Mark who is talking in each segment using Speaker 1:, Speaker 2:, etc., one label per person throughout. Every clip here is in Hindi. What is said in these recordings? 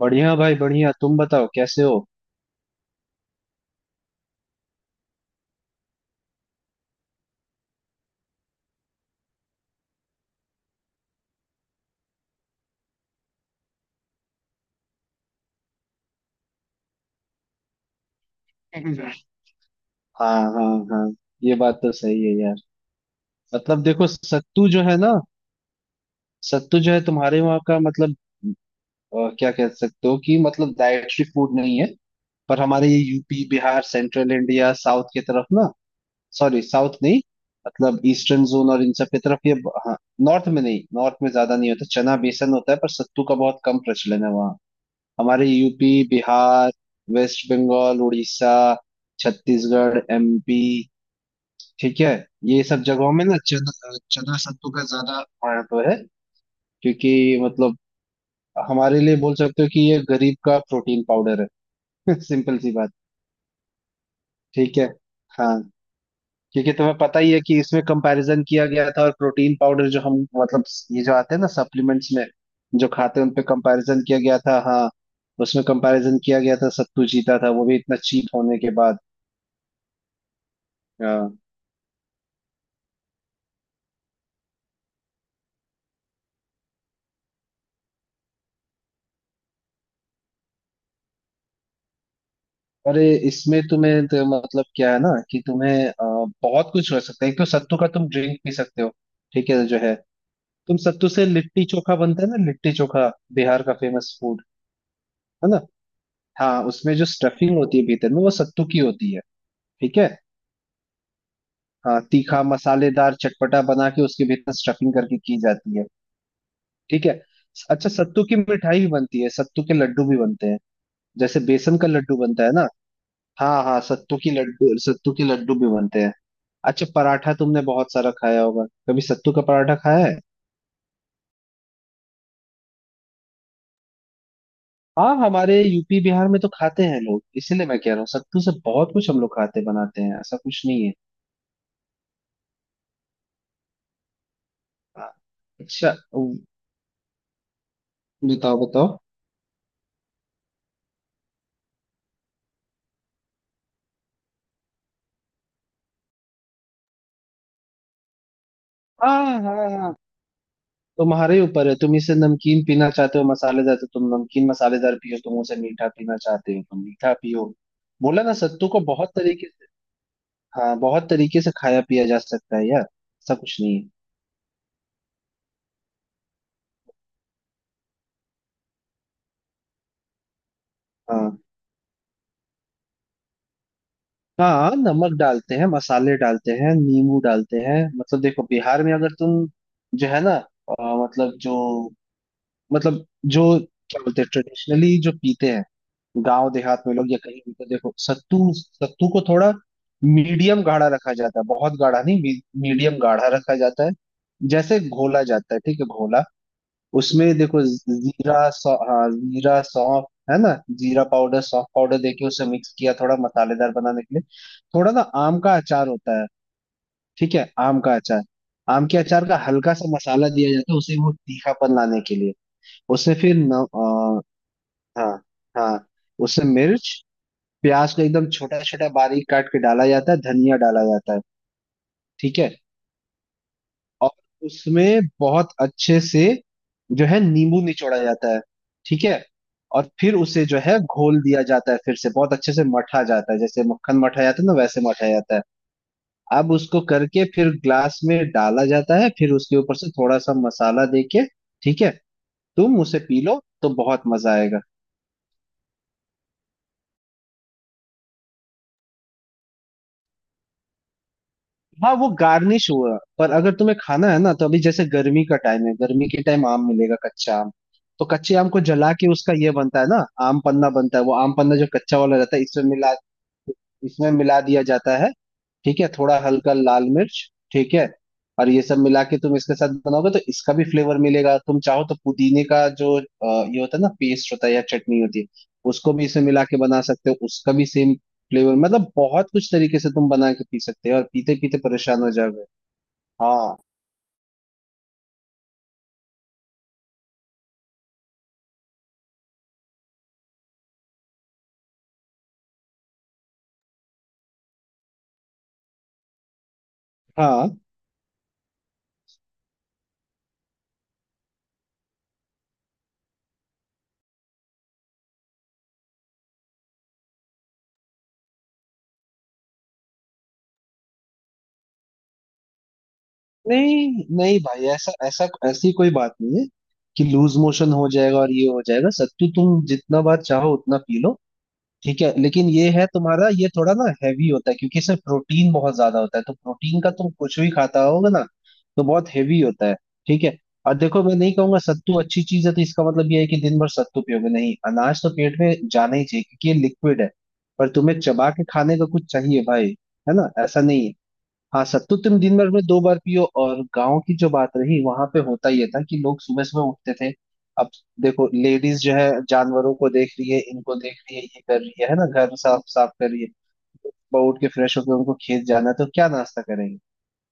Speaker 1: बढ़िया भाई बढ़िया। तुम बताओ कैसे हो। हम्म। हाँ हाँ हाँ, ये बात तो सही है यार। मतलब देखो, सत्तू जो है ना, सत्तू जो है तुम्हारे वहाँ का, मतलब क्या कह सकते हो कि मतलब डाइटरी फूड नहीं है। पर हमारे ये UP Bihar central India south की तरफ ना, सॉरी साउथ नहीं, मतलब ईस्टर्न जोन और इन सब की तरफ ये हाँ। नॉर्थ में नहीं, नॉर्थ में ज्यादा नहीं होता। चना बेसन होता है पर सत्तू का बहुत कम प्रचलन है वहाँ। हमारे यूपी बिहार वेस्ट बंगाल उड़ीसा छत्तीसगढ़ एमपी, ठीक है, ये सब जगहों में ना चना, चना सत्तू का ज्यादा महत्व है। क्योंकि मतलब हमारे लिए बोल सकते हो कि ये गरीब का प्रोटीन पाउडर है। सिंपल सी बात। ठीक है। हाँ, क्योंकि तुम्हें पता ही है कि इसमें कंपैरिजन किया गया था और प्रोटीन पाउडर जो हम मतलब ये जो आते हैं ना सप्लीमेंट्स में, जो खाते हैं उन पे कंपैरिजन किया गया था। हाँ, उसमें कंपैरिजन किया गया था, सत्तू जीता था, वो भी इतना चीप होने के बाद। हाँ, अरे इसमें तुम्हें तो मतलब क्या है ना कि तुम्हें बहुत कुछ हो सकता है। एक तो सत्तू का तुम ड्रिंक पी सकते हो, ठीक है जो है। तुम सत्तू से लिट्टी चोखा बनता है ना, लिट्टी चोखा बिहार का फेमस फूड है ना। हाँ, उसमें जो स्टफिंग होती है भीतर में वो सत्तू की होती है। ठीक है। हाँ, तीखा मसालेदार चटपटा बना के उसके भीतर स्टफिंग करके की जाती है। ठीक है। अच्छा, सत्तू की मिठाई भी बनती है, सत्तू के लड्डू भी बनते हैं, जैसे बेसन का लड्डू बनता है ना। हाँ हाँ, सत्तू की लड्डू, सत्तू की लड्डू भी बनते हैं। अच्छा पराठा तुमने बहुत सारा खाया होगा, कभी सत्तू का पराठा खाया है। हाँ, हमारे यूपी बिहार में तो खाते हैं लोग, इसीलिए मैं कह रहा हूँ, सत्तू से बहुत कुछ हम लोग खाते बनाते हैं, ऐसा कुछ नहीं है। हाँ। अच्छा बताओ बताओ। हाँ हाँ हाँ, तुम्हारे ऊपर है, तुम इसे नमकीन पीना चाहते हो मसालेदार तो तुम नमकीन मसालेदार पियो, तुम उसे मीठा पीना चाहते हो तुम मीठा पियो। बोला ना, सत्तू को बहुत तरीके से, हाँ, बहुत तरीके से खाया पिया जा सकता है यार, ऐसा कुछ नहीं है। हाँ। हाँ, नमक डालते हैं, मसाले डालते हैं, नींबू डालते हैं। मतलब देखो, बिहार में अगर तुम जो है ना, अ, मतलब जो मतलब जो क्या बोलते हैं, ट्रेडिशनली जो पीते हैं गांव देहात में लोग या कहीं भी, तो देखो सत्तू सत्तू को थोड़ा मीडियम गाढ़ा रखा जाता है, बहुत गाढ़ा नहीं, मीडियम गाढ़ा रखा जाता है। जैसे घोला जाता है, ठीक है, घोला। उसमें देखो, जीरा सौ हाँ, जीरा सौंफ, है ना, जीरा पाउडर सौंफ पाउडर देके उसे मिक्स किया, थोड़ा मसालेदार बनाने के लिए। थोड़ा ना आम का अचार होता है, ठीक है, आम का अचार, आम के अचार का हल्का सा मसाला दिया जाता है उसे, वो तीखापन लाने के लिए। उसमें फिर न, आ, हाँ हाँ, उसमें मिर्च, प्याज को एकदम छोटा छोटा बारीक काट के डाला जाता है, धनिया डाला जाता है, ठीक है। और उसमें बहुत अच्छे से जो है नींबू निचोड़ा जाता है, ठीक है। और फिर उसे जो है घोल दिया जाता है, फिर से बहुत अच्छे से मठा जाता है, जैसे मक्खन मठा जाता है ना, वैसे मठा जाता है। अब उसको करके फिर ग्लास में डाला जाता है, फिर उसके ऊपर से थोड़ा सा मसाला देके, ठीक है, तुम उसे पी लो तो बहुत मजा आएगा। हाँ, वो गार्निश हुआ। पर अगर तुम्हें खाना है ना, तो अभी जैसे गर्मी का टाइम है, गर्मी के टाइम आम मिलेगा कच्चा आम, तो कच्चे आम को जला के उसका ये बनता है ना, आम पन्ना बनता है, वो आम पन्ना जो कच्चा वाला रहता है इसमें मिला, इसमें मिला दिया जाता है। ठीक है, थोड़ा हल्का लाल मिर्च, ठीक है। और ये सब मिला के तुम इसके साथ बनाओगे तो इसका भी फ्लेवर मिलेगा। तुम चाहो तो पुदीने का जो ये होता है ना पेस्ट होता है या चटनी होती है, उसको भी इसमें मिला के बना सकते हो, उसका भी सेम फ्लेवर। मतलब बहुत कुछ तरीके से तुम बना के पी सकते हो और पीते पीते परेशान हो जाओगे। हाँ हाँ। नहीं नहीं भाई, ऐसा ऐसा ऐसी कोई बात नहीं है कि लूज मोशन हो जाएगा और ये हो जाएगा। सत्तू तुम जितना बार चाहो उतना पी लो। ठीक है, लेकिन ये है, तुम्हारा ये थोड़ा ना हैवी होता है, क्योंकि इसमें प्रोटीन बहुत ज्यादा होता है, तो प्रोटीन का तुम कुछ भी खाता होगा ना, तो बहुत हैवी होता है। ठीक है। और देखो मैं नहीं कहूंगा सत्तू अच्छी चीज है तो इसका मतलब ये है कि दिन भर सत्तू पियोगे, नहीं, अनाज तो पेट में जाना ही चाहिए क्योंकि ये लिक्विड है। पर तुम्हें चबा के खाने का कुछ चाहिए भाई, है ना, ऐसा नहीं है। हाँ, सत्तू तुम दिन भर में दो बार पियो। और गांव की जो बात रही, वहां पे होता ये था कि लोग सुबह सुबह उठते थे। अब देखो, लेडीज जो है, जानवरों को देख रही है, इनको देख रही है, ये कर रही है ना, घर साफ साफ कर रही है। सुबह उठ के फ्रेश होकर उनको खेत जाना है, तो क्या नाश्ता करेंगे।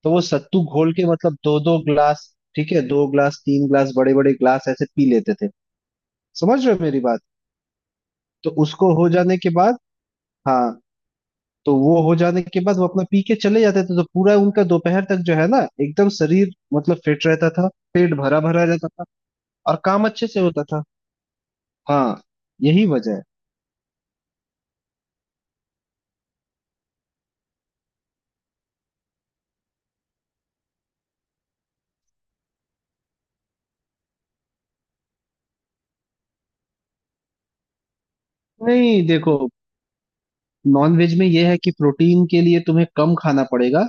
Speaker 1: तो वो सत्तू घोल के मतलब दो दो ग्लास, ठीक है, दो ग्लास तीन ग्लास बड़े बड़े ग्लास ऐसे पी लेते थे। समझ रहे हो मेरी बात। तो उसको हो जाने के बाद, हाँ, तो वो हो जाने के बाद वो अपना पी के चले जाते थे, तो पूरा उनका दोपहर तक जो है ना एकदम शरीर मतलब फिट रहता था, पेट भरा भरा रहता था और काम अच्छे से होता था। हाँ, यही वजह है। नहीं देखो, नॉन वेज में ये है कि प्रोटीन के लिए तुम्हें कम खाना पड़ेगा,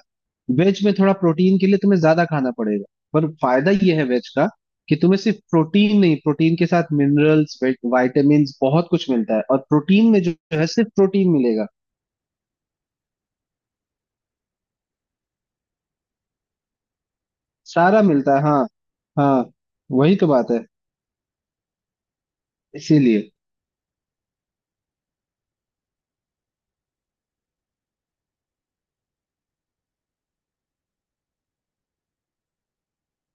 Speaker 1: वेज में थोड़ा प्रोटीन के लिए तुम्हें ज्यादा खाना पड़ेगा। पर फायदा ये है वेज का, कि तुम्हें सिर्फ प्रोटीन नहीं, प्रोटीन के साथ मिनरल्स वाइटामिन बहुत कुछ मिलता है, और प्रोटीन में जो है सिर्फ प्रोटीन मिलेगा। सारा मिलता है हाँ हाँ, वही तो बात है, इसीलिए।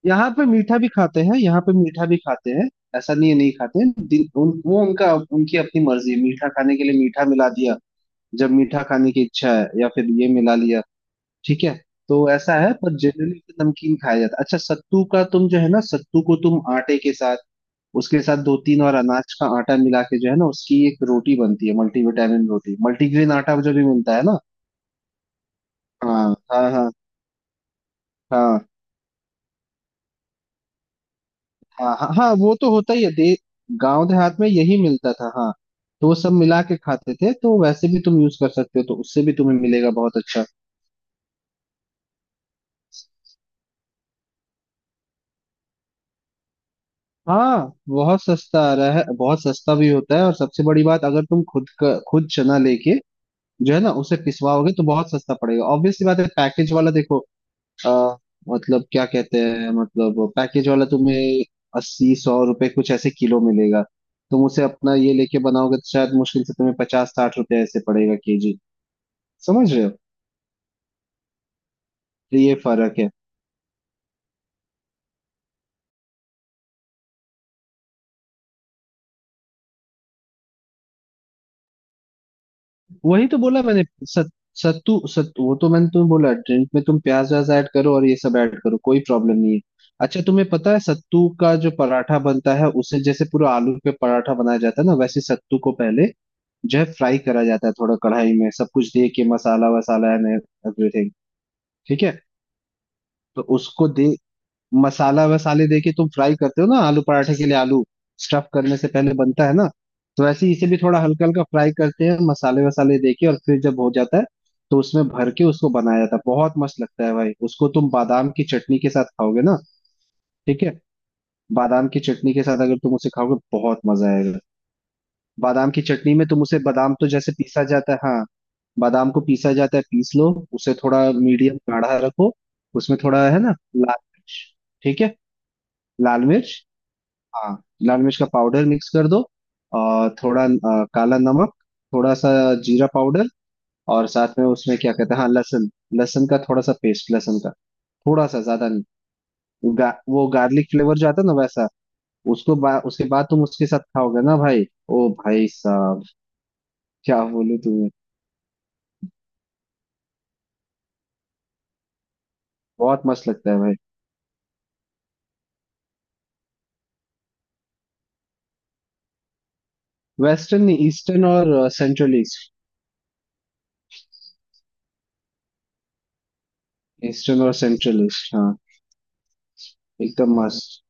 Speaker 1: यहाँ पे मीठा भी खाते हैं, यहाँ पे मीठा भी खाते हैं। ऐसा नहीं है नहीं खाते हैं। वो उनका, उनकी अपनी मर्जी है, मीठा खाने के लिए मीठा मिला दिया, जब मीठा खाने की इच्छा है, या फिर ये मिला लिया। ठीक है, तो ऐसा है, पर जनरली नमकीन खाया जाता है। अच्छा, सत्तू का तुम जो है ना, सत्तू को तुम आटे के साथ, उसके साथ दो तीन और अनाज का आटा मिला के जो है ना, उसकी एक रोटी बनती है, मल्टीविटामिन रोटी, मल्टीग्रेन आटा जो भी मिलता है ना। हाँ हाँ हाँ हाँ हाँ हाँ हाँ, वो तो होता ही है दे, गांव देहात में यही मिलता था। हाँ, तो वो सब मिला के खाते थे, तो वैसे भी तुम यूज कर सकते हो, तो उससे भी तुम्हें मिलेगा बहुत अच्छा। हाँ, बहुत सस्ता आ रहा है, बहुत सस्ता भी होता है। और सबसे बड़ी बात, अगर तुम खुद का खुद चना लेके जो है ना उसे पिसवाओगे तो बहुत सस्ता पड़ेगा, ऑब्वियस सी बात है। पैकेज वाला देखो आ, मतलब क्या कहते हैं, मतलब पैकेज वाला तुम्हें अस्सी सौ रुपए कुछ ऐसे किलो मिलेगा। तुम उसे अपना ये लेके बनाओगे तो शायद मुश्किल से तुम्हें पचास साठ रुपए ऐसे पड़ेगा केजी। समझ रहे हो। तो ये फर्क है। वही तो बोला मैंने वो तो मैंने तुम्हें बोला, ड्रिंक में तुम प्याज व्याज ऐड करो और ये सब ऐड करो, कोई प्रॉब्लम नहीं है। अच्छा तुम्हें पता है सत्तू का जो पराठा बनता है, उसे जैसे पूरा आलू पे पराठा बनाया जाता है ना, वैसे सत्तू को पहले जो है फ्राई करा जाता है, थोड़ा कढ़ाई में सब कुछ दे के, मसाला वसाला एंड एवरीथिंग, ठीक है। तो उसको दे मसाला वसाले देके तुम फ्राई करते हो ना, आलू पराठे के लिए आलू स्टफ करने से पहले बनता है ना, तो वैसे ही इसे भी थोड़ा हल्का हल्का फ्राई करते हैं मसाले वसाले देके, और फिर जब हो जाता है तो उसमें भर के उसको बनाया जाता है। बहुत मस्त लगता है भाई, उसको तुम बादाम की चटनी के साथ खाओगे ना, ठीक है, बादाम की चटनी के साथ अगर तुम उसे खाओगे बहुत मजा आएगा। बादाम की चटनी में तुम उसे बादाम तो जैसे पीसा जाता है हाँ, बादाम को पीसा जाता है, पीस लो उसे थोड़ा मीडियम गाढ़ा रखो। उसमें थोड़ा है ना लाल मिर्च, ठीक है, लाल मिर्च, हाँ, लाल मिर्च का पाउडर मिक्स कर दो। और थोड़ा काला नमक थोड़ा सा, जीरा पाउडर, और साथ में उसमें क्या कहते हैं, हाँ, लहसुन, लहसुन का थोड़ा सा पेस्ट, लहसुन का थोड़ा सा, ज्यादा नहीं, वो गार्लिक फ्लेवर जो आता है ना वैसा। उसके बाद तुम उसके साथ खाओगे ना भाई, ओ भाई साहब, क्या बोलूं तुम्हें। बहुत मस्त लगता है भाई। वेस्टर्न नहीं, ईस्टर्न और सेंट्रल ईस्ट, ईस्टर्न और सेंट्रल ईस्ट हाँ। एकदम मस्त।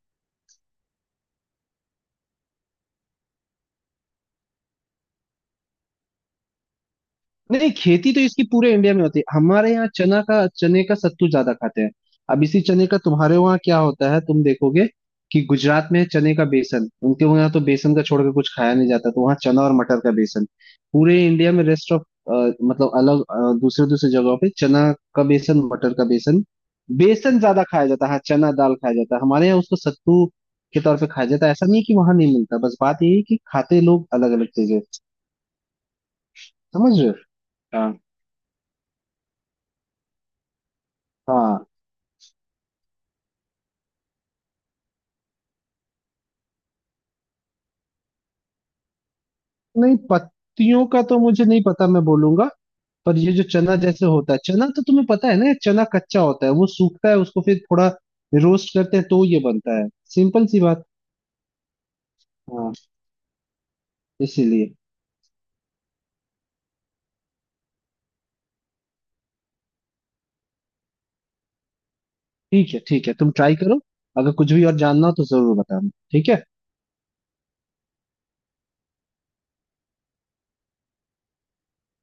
Speaker 1: नहीं खेती तो इसकी पूरे इंडिया में होती है, हमारे यहाँ चना का, चने का सत्तू ज्यादा खाते हैं। अब इसी चने का तुम्हारे वहाँ क्या होता है तुम देखोगे कि गुजरात में है चने का बेसन, उनके वहाँ तो बेसन का छोड़ के कुछ खाया नहीं जाता, तो वहाँ चना और मटर का बेसन। पूरे इंडिया में रेस्ट ऑफ, मतलब अलग दूसरे दूसरे जगहों पे चना का बेसन मटर का बेसन, बेसन ज्यादा खाया जाता है। हाँ, चना दाल खाया जाता है हमारे यहाँ, उसको सत्तू के तौर पे खाया जाता है। ऐसा नहीं है कि वहां नहीं मिलता, बस बात यही है कि खाते लोग अलग अलग चीजें। समझ रहे हो। हाँ हाँ। नहीं पत्तियों का तो मुझे नहीं पता, मैं बोलूंगा। पर ये जो चना जैसे होता है, चना तो तुम्हें पता है ना, चना कच्चा होता है वो सूखता है, उसको फिर थोड़ा रोस्ट करते हैं तो ये बनता है। सिंपल सी बात। हाँ, इसीलिए। ठीक है ठीक है, तुम ट्राई करो। अगर कुछ भी और जानना हो तो जरूर बताना, ठीक है।